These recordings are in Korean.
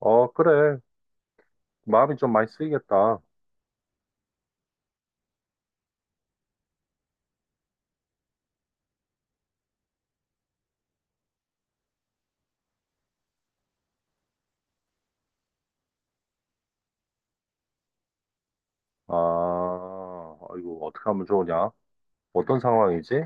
어, 그래. 마음이 좀 많이 쓰이겠다. 아, 이거 어떻게 하면 좋으냐? 어떤 상황이지?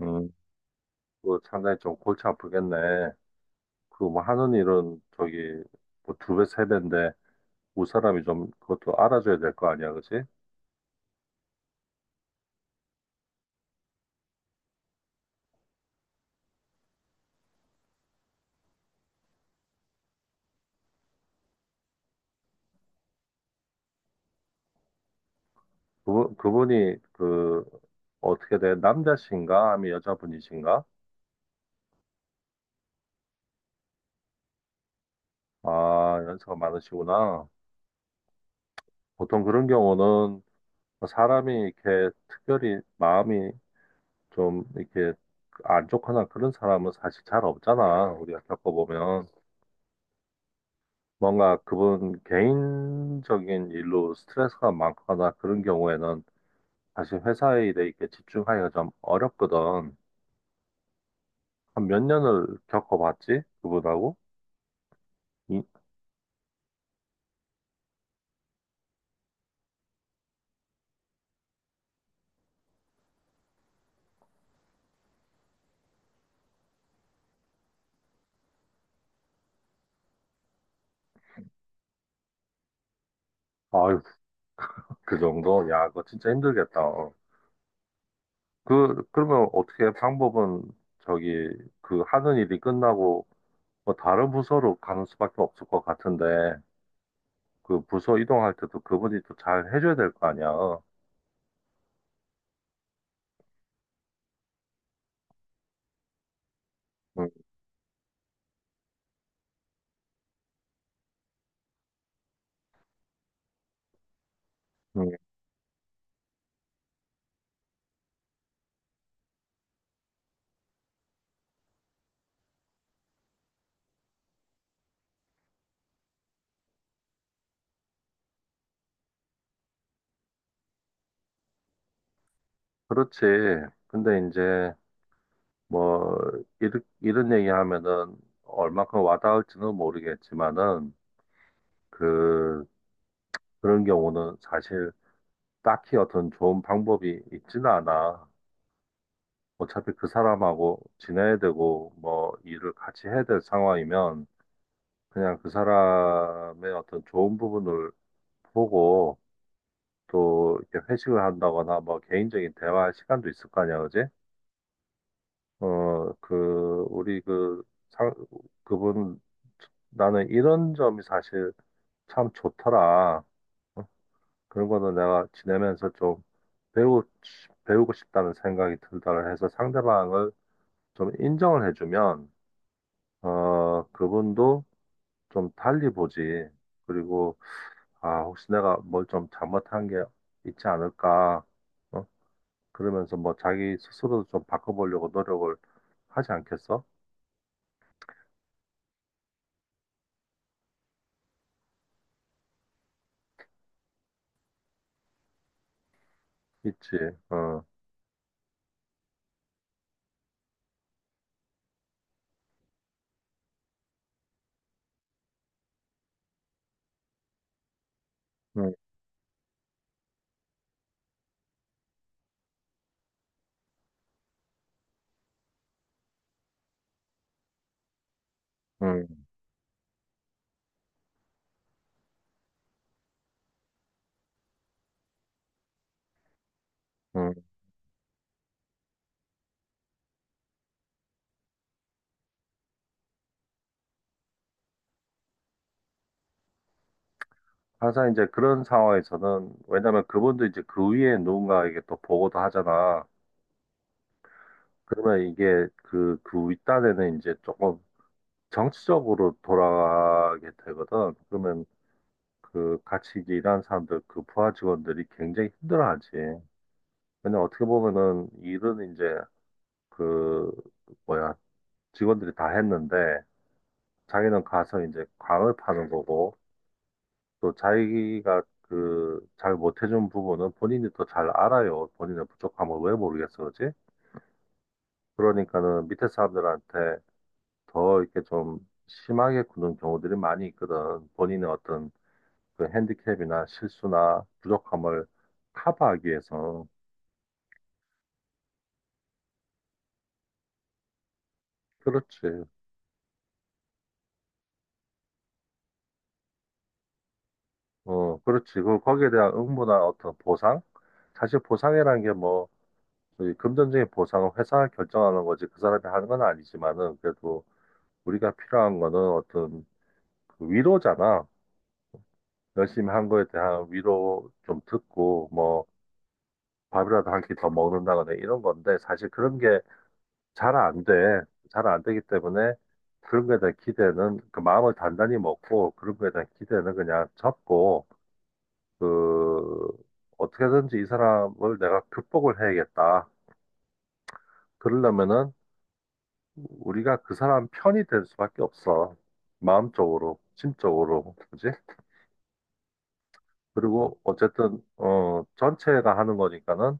음, 그 상당히 좀 골치 아프겠네. 그 뭐 하는 일은 저기 뭐 두 배, 세 배인데 우 사람이 좀 그것도 알아줘야 될 거 아니야, 그치? 그분이 어떻게 돼? 남자신가? 아니면 여자분이신가? 아, 연세가 많으시구나. 보통 그런 경우는 뭐 사람이 이렇게 특별히 마음이 좀 이렇게 안좋거나 그런 사람은 사실 잘 없잖아. 우리가 겪어보면. 뭔가 그분 개인적인 일로 스트레스가 많거나 그런 경우에는 사실 회사 일에 이렇게 집중하기가 좀 어렵거든. 한 몇 년을 겪어봤지? 그분하고? 이, 아유, 그 정도? 야, 그거 진짜 힘들겠다. 그러면 어떻게 방법은 저기, 그 하는 일이 끝나고 뭐 다른 부서로 가는 수밖에 없을 것 같은데. 그 부서 이동할 때도 그분이 또 잘 해줘야 될 거 아니야. 응, 응. 그렇지. 근데 이제 뭐 이런 얘기하면은 얼마큼 와닿을지는 모르겠지만은 그 그런 경우는 사실 딱히 어떤 좋은 방법이 있지는 않아. 어차피 그 사람하고 지내야 되고 뭐 일을 같이 해야 될 상황이면 그냥 그 사람의 어떤 좋은 부분을 보고 또 이렇게 회식을 한다거나 뭐 개인적인 대화 시간도 있을 거 아니야, 그지? 그 우리 상, 그분 나는 이런 점이 사실 참 좋더라. 어, 그런 거는 내가 지내면서 좀 배우고 싶다는 생각이 들다를 해서 상대방을 좀 인정을 해주면 그분도 좀 달리 보지. 그리고 아, 혹시 내가 뭘 좀 잘못한 게 있지 않을까? 어? 그러면서 뭐 자기 스스로도 좀 바꿔보려고 노력을 하지 않겠어? 있지. 어, 음, 음, 음. 항상 이제 그런 상황에서는 왜냐면 그분도 이제 그 위에 누군가에게 또 보고도 하잖아. 그러면 이게 그 윗단에는 이제 조금 정치적으로 돌아가게 되거든. 그러면 그 같이 이제 일하는 사람들, 그 부하 직원들이 굉장히 힘들어하지. 왜냐면 어떻게 보면은 일은 이제 그 뭐야 직원들이 다 했는데 자기는 가서 이제 광을 파는 거고, 또 자기가 그 잘 못해준 부분은 본인이 또 잘 알아요. 본인의 부족함을 왜 모르겠어, 그지? 그러니까는 밑에 사람들한테 더 이렇게 좀 심하게 구는 경우들이 많이 있거든. 본인의 어떤 그 핸디캡이나 실수나 부족함을 커버하기 위해서. 그렇지. 어, 그렇지. 그 거기에 대한 응모나 어떤 보상? 사실 보상이라는 게뭐 저희 금전적인 보상은 회사가 결정하는 거지 그 사람이 하는 건 아니지만은 그래도 우리가 필요한 거는 어떤 그 위로잖아. 열심히 한 거에 대한 위로 좀 듣고 뭐 밥이라도 한 끼 더 먹는다거나 이런 건데 사실 그런 게 잘 안 돼. 잘 안 되기 때문에 그런 거에 대한 기대는 그 마음을 단단히 먹고 그런 거에 대한 기대는 그냥 접고 그 어떻게든지 이 사람을 내가 극복을 해야겠다. 그러려면은 우리가 그 사람 편이 될 수밖에 없어. 마음적으로, 심적으로, 그지? 그리고 어쨌든 전체가 하는 거니까는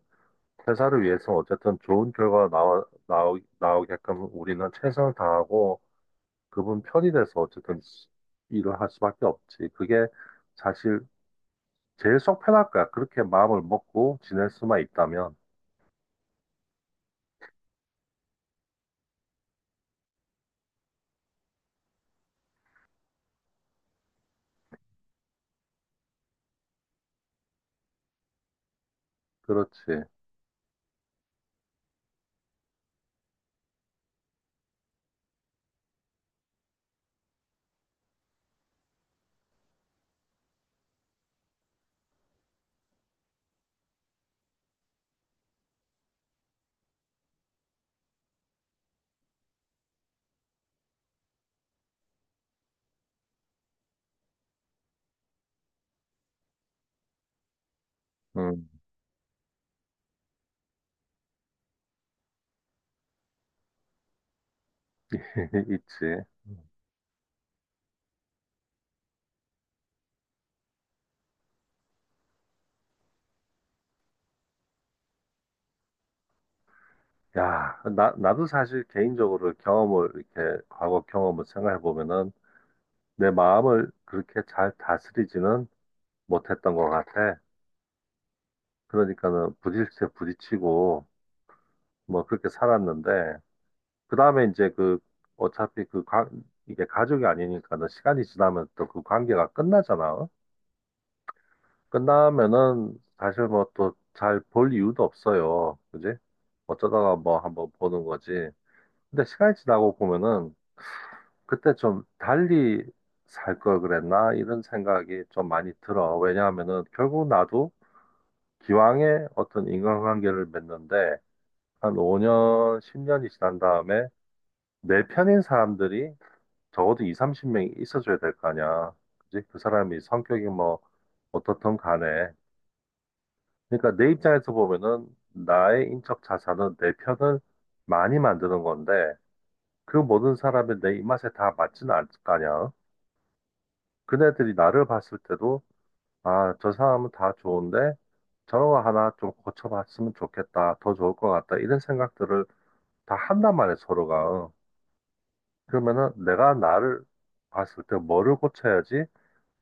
회사를 위해서 어쨌든 좋은 결과가 나오게끔 우리는 최선을 다하고 그분 편이 돼서 어쨌든 일을 할 수밖에 없지. 그게 사실 제일 속 편할 거야. 그렇게 마음을 먹고 지낼 수만 있다면. 그렇지. 음, 있지. 야, 나도 사실 개인적으로 이렇게, 과거 경험을 생각해 보면은, 내 마음을 그렇게 잘 다스리지는 못했던 것 같아. 그러니까는 부딪혀 부딪히고, 뭐, 그렇게 살았는데, 그 다음에 이제 그, 어차피 그, 이게 가족이 아니니까는 시간이 지나면 또 그 관계가 끝나잖아. 끝나면은, 사실 뭐 또 잘 볼 이유도 없어요. 그지? 어쩌다가 뭐 한번 보는 거지. 근데 시간이 지나고 보면은, 그때 좀 달리 살 걸 그랬나? 이런 생각이 좀 많이 들어. 왜냐하면은 결국 나도 기왕에 어떤 인간관계를 맺는데 한 5년, 10년이 지난 다음에 내 편인 사람들이 적어도 2, 30명이 있어줘야 될 거 아니야. 그지? 그 사람이 성격이 뭐 어떻든 간에. 그러니까 내 입장에서 보면은 나의 인적 자산은 내 편을 많이 만드는 건데 그 모든 사람이 내 입맛에 다 맞지는 않을 거 아니야. 그네들이 나를 봤을 때도 아, 저 사람은 다 좋은데 저런 거 하나 좀 고쳐봤으면 좋겠다. 더 좋을 것 같다. 이런 생각들을 다 한단 말이에요, 서로가. 그러면은 내가 나를 봤을 때 뭐를 고쳐야지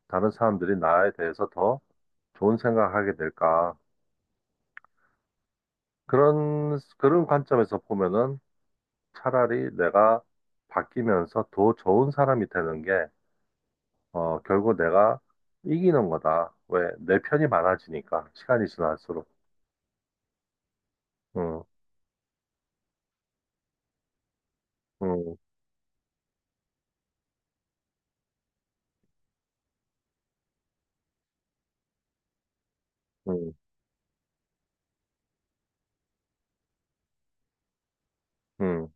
다른 사람들이 나에 대해서 더 좋은 생각하게 될까. 그런 관점에서 보면은 차라리 내가 바뀌면서 더 좋은 사람이 되는 게, 결국 내가 이기는 거다. 왜? 내 편이 많아지니까. 시간이 지날수록. 응, 응, 응, 응.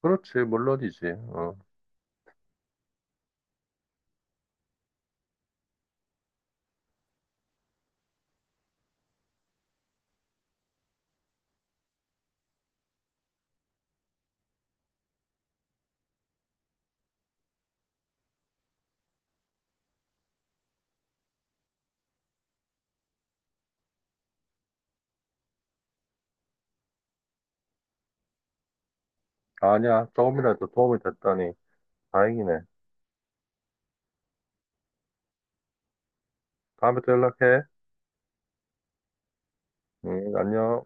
그렇지, 물론이지. 어. 아, 아니야, 조금이라도 도움이 됐다니. 다행이네. 다음에 또 연락해. 응, 안녕.